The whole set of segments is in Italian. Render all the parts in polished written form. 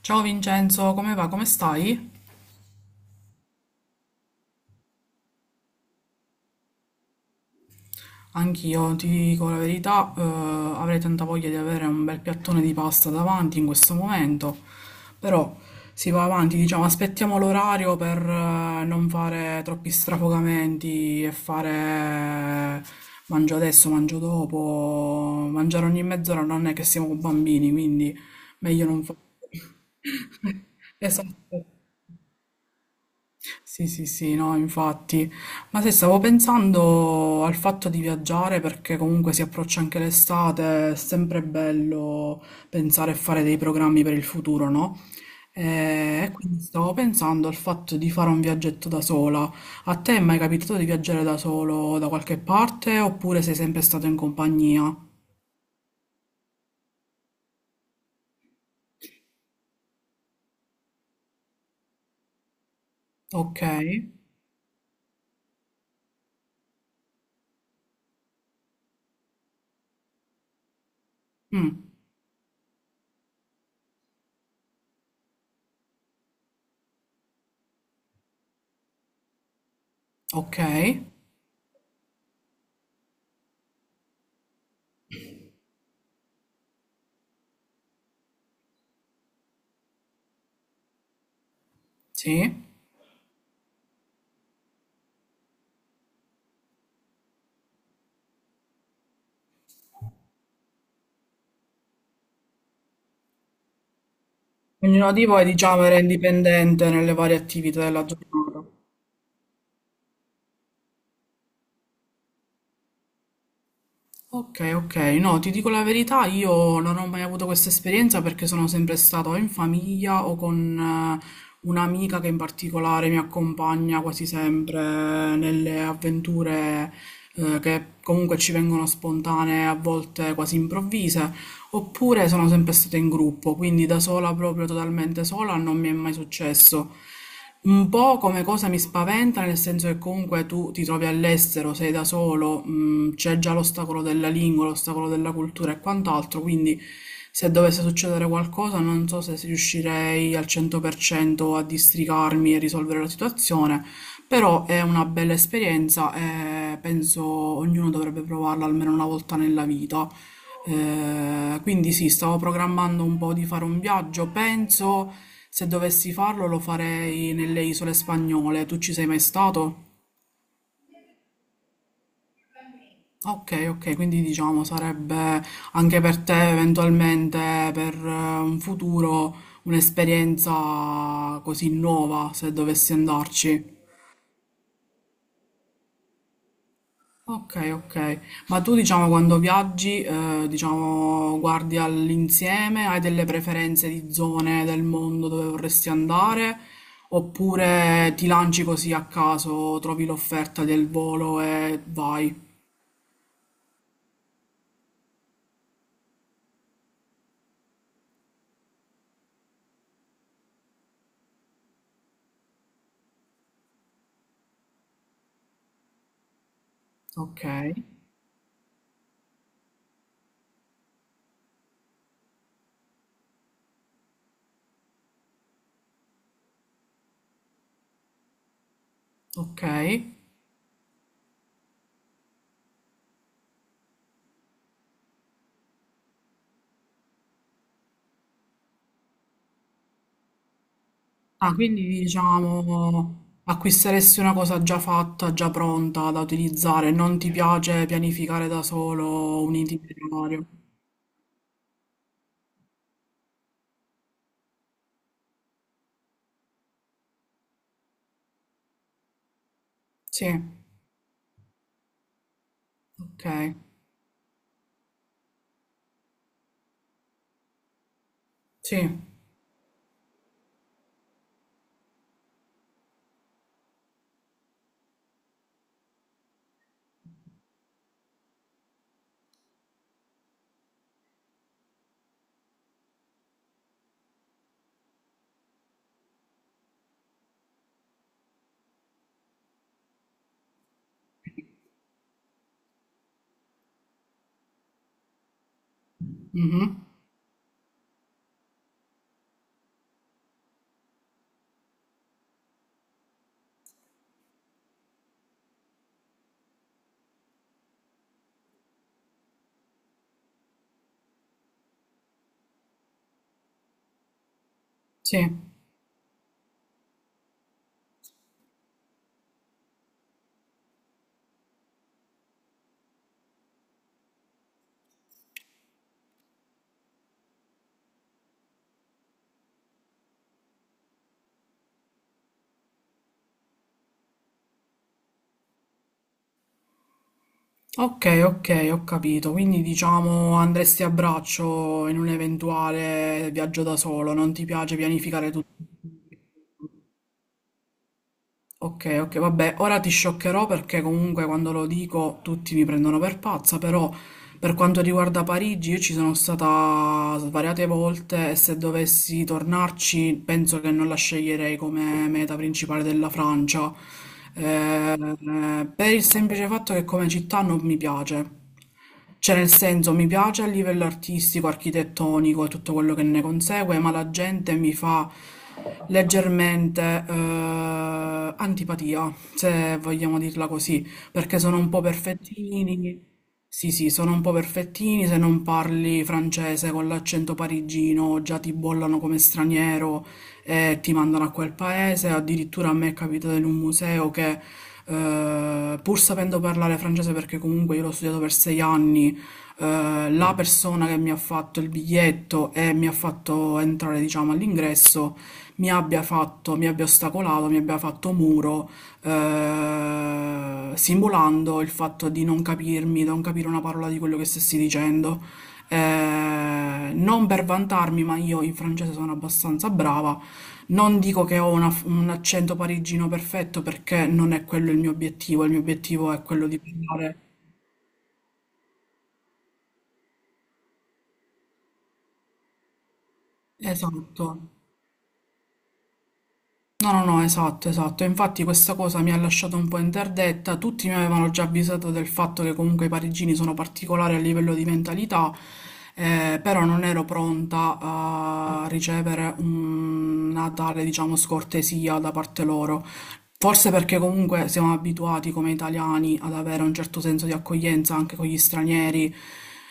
Ciao Vincenzo, come va? Come stai? Anch'io, ti dico la verità, avrei tanta voglia di avere un bel piattone di pasta davanti in questo momento, però si va avanti, diciamo, aspettiamo l'orario per non fare troppi strafogamenti e fare mangio adesso, mangio dopo, mangiare ogni mezz'ora non è che siamo bambini, quindi meglio non fare. Esatto. Sì, sì, sì, no, infatti. Ma se stavo pensando al fatto di viaggiare perché comunque si approccia anche l'estate, è sempre bello pensare e fare dei programmi per il futuro, no? E quindi stavo pensando al fatto di fare un viaggetto da sola. A te è mai capitato di viaggiare da solo da qualche parte oppure sei sempre stato in compagnia? Ok, mm, ok, sì. Ognuno di voi, diciamo, era indipendente nelle varie attività della giornata. Ok, ok, no, ti dico la verità, io non ho mai avuto questa esperienza perché sono sempre stata o in famiglia o con eh, un'amica che in particolare mi accompagna quasi sempre nelle avventure che comunque ci vengono spontanee, a volte quasi improvvise. Oppure sono sempre stata in gruppo, quindi da sola, proprio totalmente sola, non mi è mai successo. Un po' come cosa mi spaventa, nel senso che comunque tu ti trovi all'estero, sei da solo, c'è già l'ostacolo della lingua, l'ostacolo della cultura e quant'altro, quindi se dovesse succedere qualcosa non so se riuscirei al 100% a districarmi e risolvere la situazione, però è una bella esperienza e penso ognuno dovrebbe provarla almeno una volta nella vita. Quindi sì, stavo programmando un po' di fare un viaggio. Penso se dovessi farlo lo farei nelle isole spagnole. Tu ci sei mai stato? Ok, ok, quindi diciamo sarebbe anche per te eventualmente per un futuro un'esperienza così nuova se dovessi andarci. Okay, okay. Ma tu diciamo quando viaggi, diciamo, guardi all'insieme, hai delle preferenze di zone del mondo dove vorresti andare, oppure ti lanci così a caso, trovi l'offerta del volo e vai. Ok, ok. Ah, quindi diciamo acquisteresti una cosa già fatta, già pronta da utilizzare, non ti piace pianificare da solo un itinerario. Sì, ok, sì. Mhm. Sì. Ok, ok, ho capito. Quindi diciamo andresti a braccio in un eventuale viaggio da solo, non ti piace pianificare tutto. Ok, ok, vabbè, ora ti scioccherò perché comunque quando lo dico tutti mi prendono per pazza, però per quanto riguarda Parigi io ci sono stata svariate volte e se dovessi tornarci penso che non la sceglierei come meta principale della Francia, Eh, per il semplice fatto che come città non mi piace. Cioè nel senso mi piace a livello artistico, architettonico e tutto quello che ne consegue, ma la gente mi fa leggermente antipatia, se vogliamo dirla così, perché sono un po' perfettini. Sì, sì, sono un po' perfettini, se non parli francese con l'accento parigino già ti bollano come straniero, e ti mandano a quel paese. Addirittura a me è capitato in un museo che, pur sapendo parlare francese, perché comunque io l'ho studiato per 6 anni, la persona che mi ha fatto il biglietto e mi ha fatto entrare, diciamo, all'ingresso, mi abbia fatto, mi abbia ostacolato, mi abbia fatto muro, simulando il fatto di non capirmi, di non capire una parola di quello che stessi dicendo. Non per vantarmi, ma io in francese sono abbastanza brava, non dico che ho un accento parigino perfetto perché non è quello il mio obiettivo è quello di parlare. Esatto. No, no, no, esatto, esatto. Infatti questa cosa mi ha lasciato un po' interdetta. Tutti mi avevano già avvisato del fatto che comunque i parigini sono particolari a livello di mentalità, però non ero pronta a ricevere una tale, diciamo, scortesia da parte loro. Forse perché comunque siamo abituati come italiani ad avere un certo senso di accoglienza anche con gli stranieri,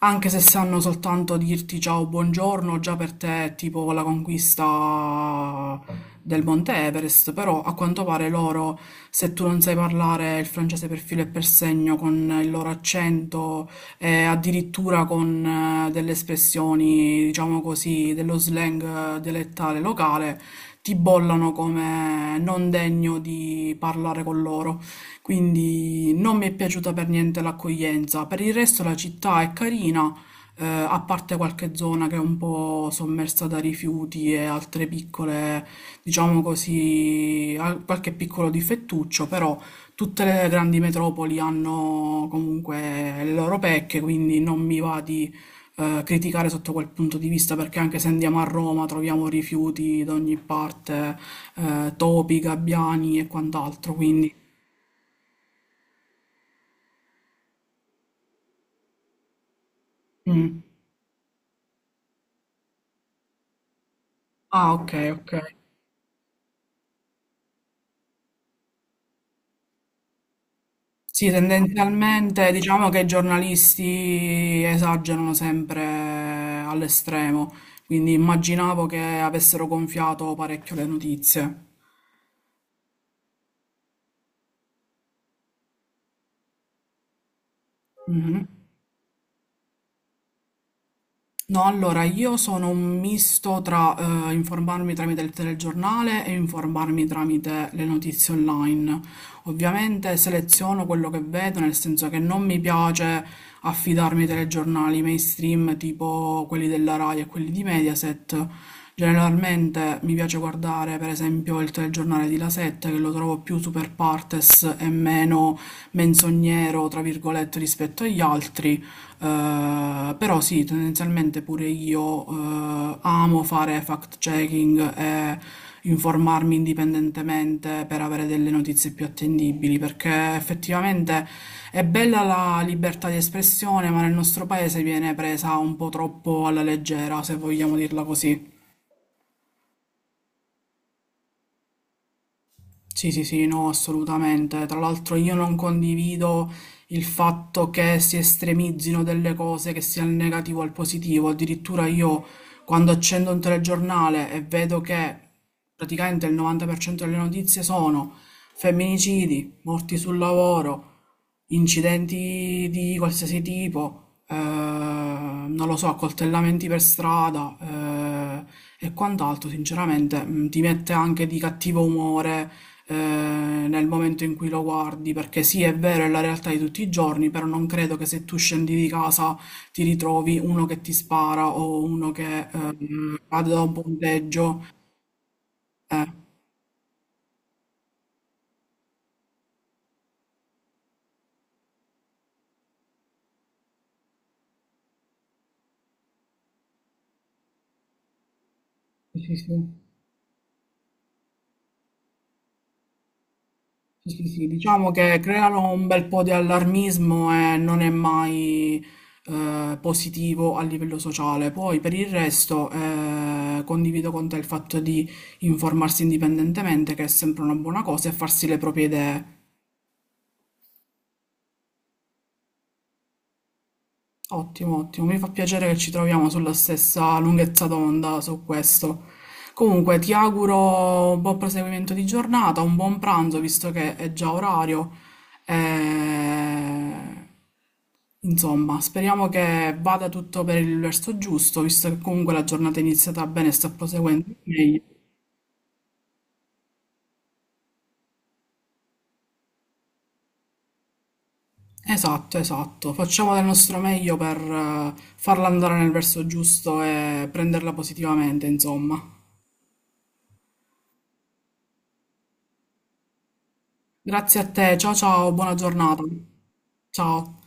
anche se sanno soltanto dirti ciao, buongiorno, già per te è tipo la conquista del Monte Everest, però a quanto pare loro, se tu non sai parlare il francese per filo e per segno con il loro accento e addirittura con delle espressioni, diciamo così, dello slang dialettale locale, ti bollano come non degno di parlare con loro. Quindi non mi è piaciuta per niente l'accoglienza. Per il resto la città è carina, a parte qualche zona che è un po' sommersa da rifiuti e altre piccole, diciamo così, qualche piccolo difettuccio, però tutte le grandi metropoli hanno comunque le loro pecche, quindi non mi va di criticare sotto quel punto di vista, perché anche se andiamo a Roma troviamo rifiuti da ogni parte, topi, gabbiani e quant'altro, quindi... mm. Ah, ok, ok. Sì, tendenzialmente diciamo che i giornalisti esagerano sempre all'estremo, quindi immaginavo che avessero gonfiato parecchio le notizie. Mhm. No, allora io sono un misto tra informarmi tramite il telegiornale e informarmi tramite le notizie online. Ovviamente seleziono quello che vedo, nel senso che non mi piace affidarmi ai telegiornali mainstream tipo quelli della Rai e quelli di Mediaset. Generalmente mi piace guardare, per esempio, il telegiornale di La Sette, che lo trovo più super partes e meno menzognero, tra virgolette, rispetto agli altri. Però sì, tendenzialmente pure io amo fare fact-checking e informarmi indipendentemente per avere delle notizie più attendibili, perché effettivamente è bella la libertà di espressione, ma nel nostro paese viene presa un po' troppo alla leggera, se vogliamo dirla così. Sì, sì, sì, no, assolutamente. Tra l'altro io non condivido il fatto che si estremizzino delle cose, che sia il negativo al positivo. Addirittura io quando accendo un telegiornale e vedo che praticamente il 90% delle notizie sono femminicidi, morti sul lavoro, incidenti di qualsiasi tipo, non lo so, accoltellamenti per strada, e quant'altro, sinceramente, ti mette anche di cattivo umore, eh, nel momento in cui lo guardi, perché sì, è vero, è la realtà di tutti i giorni, però non credo che se tu scendi di casa ti ritrovi uno che ti spara o uno che cade da un ponteggio. Eh, sì, sì, sì. Sì, sì, sì. Diciamo che creano un bel po' di allarmismo e non è mai positivo a livello sociale. Poi per il resto condivido con te il fatto di informarsi indipendentemente, che è sempre una buona cosa, e farsi le proprie idee. Ottimo, ottimo, mi fa piacere che ci troviamo sulla stessa lunghezza d'onda su questo. Comunque, ti auguro un buon proseguimento di giornata, un buon pranzo, visto che è già orario. E... Insomma, speriamo che vada tutto per il verso giusto, visto che comunque la giornata è iniziata bene e sta proseguendo meglio. Esatto, esatto. Facciamo del nostro meglio per farla andare nel verso giusto e prenderla positivamente, insomma. Grazie a te, ciao ciao, buona giornata. Ciao.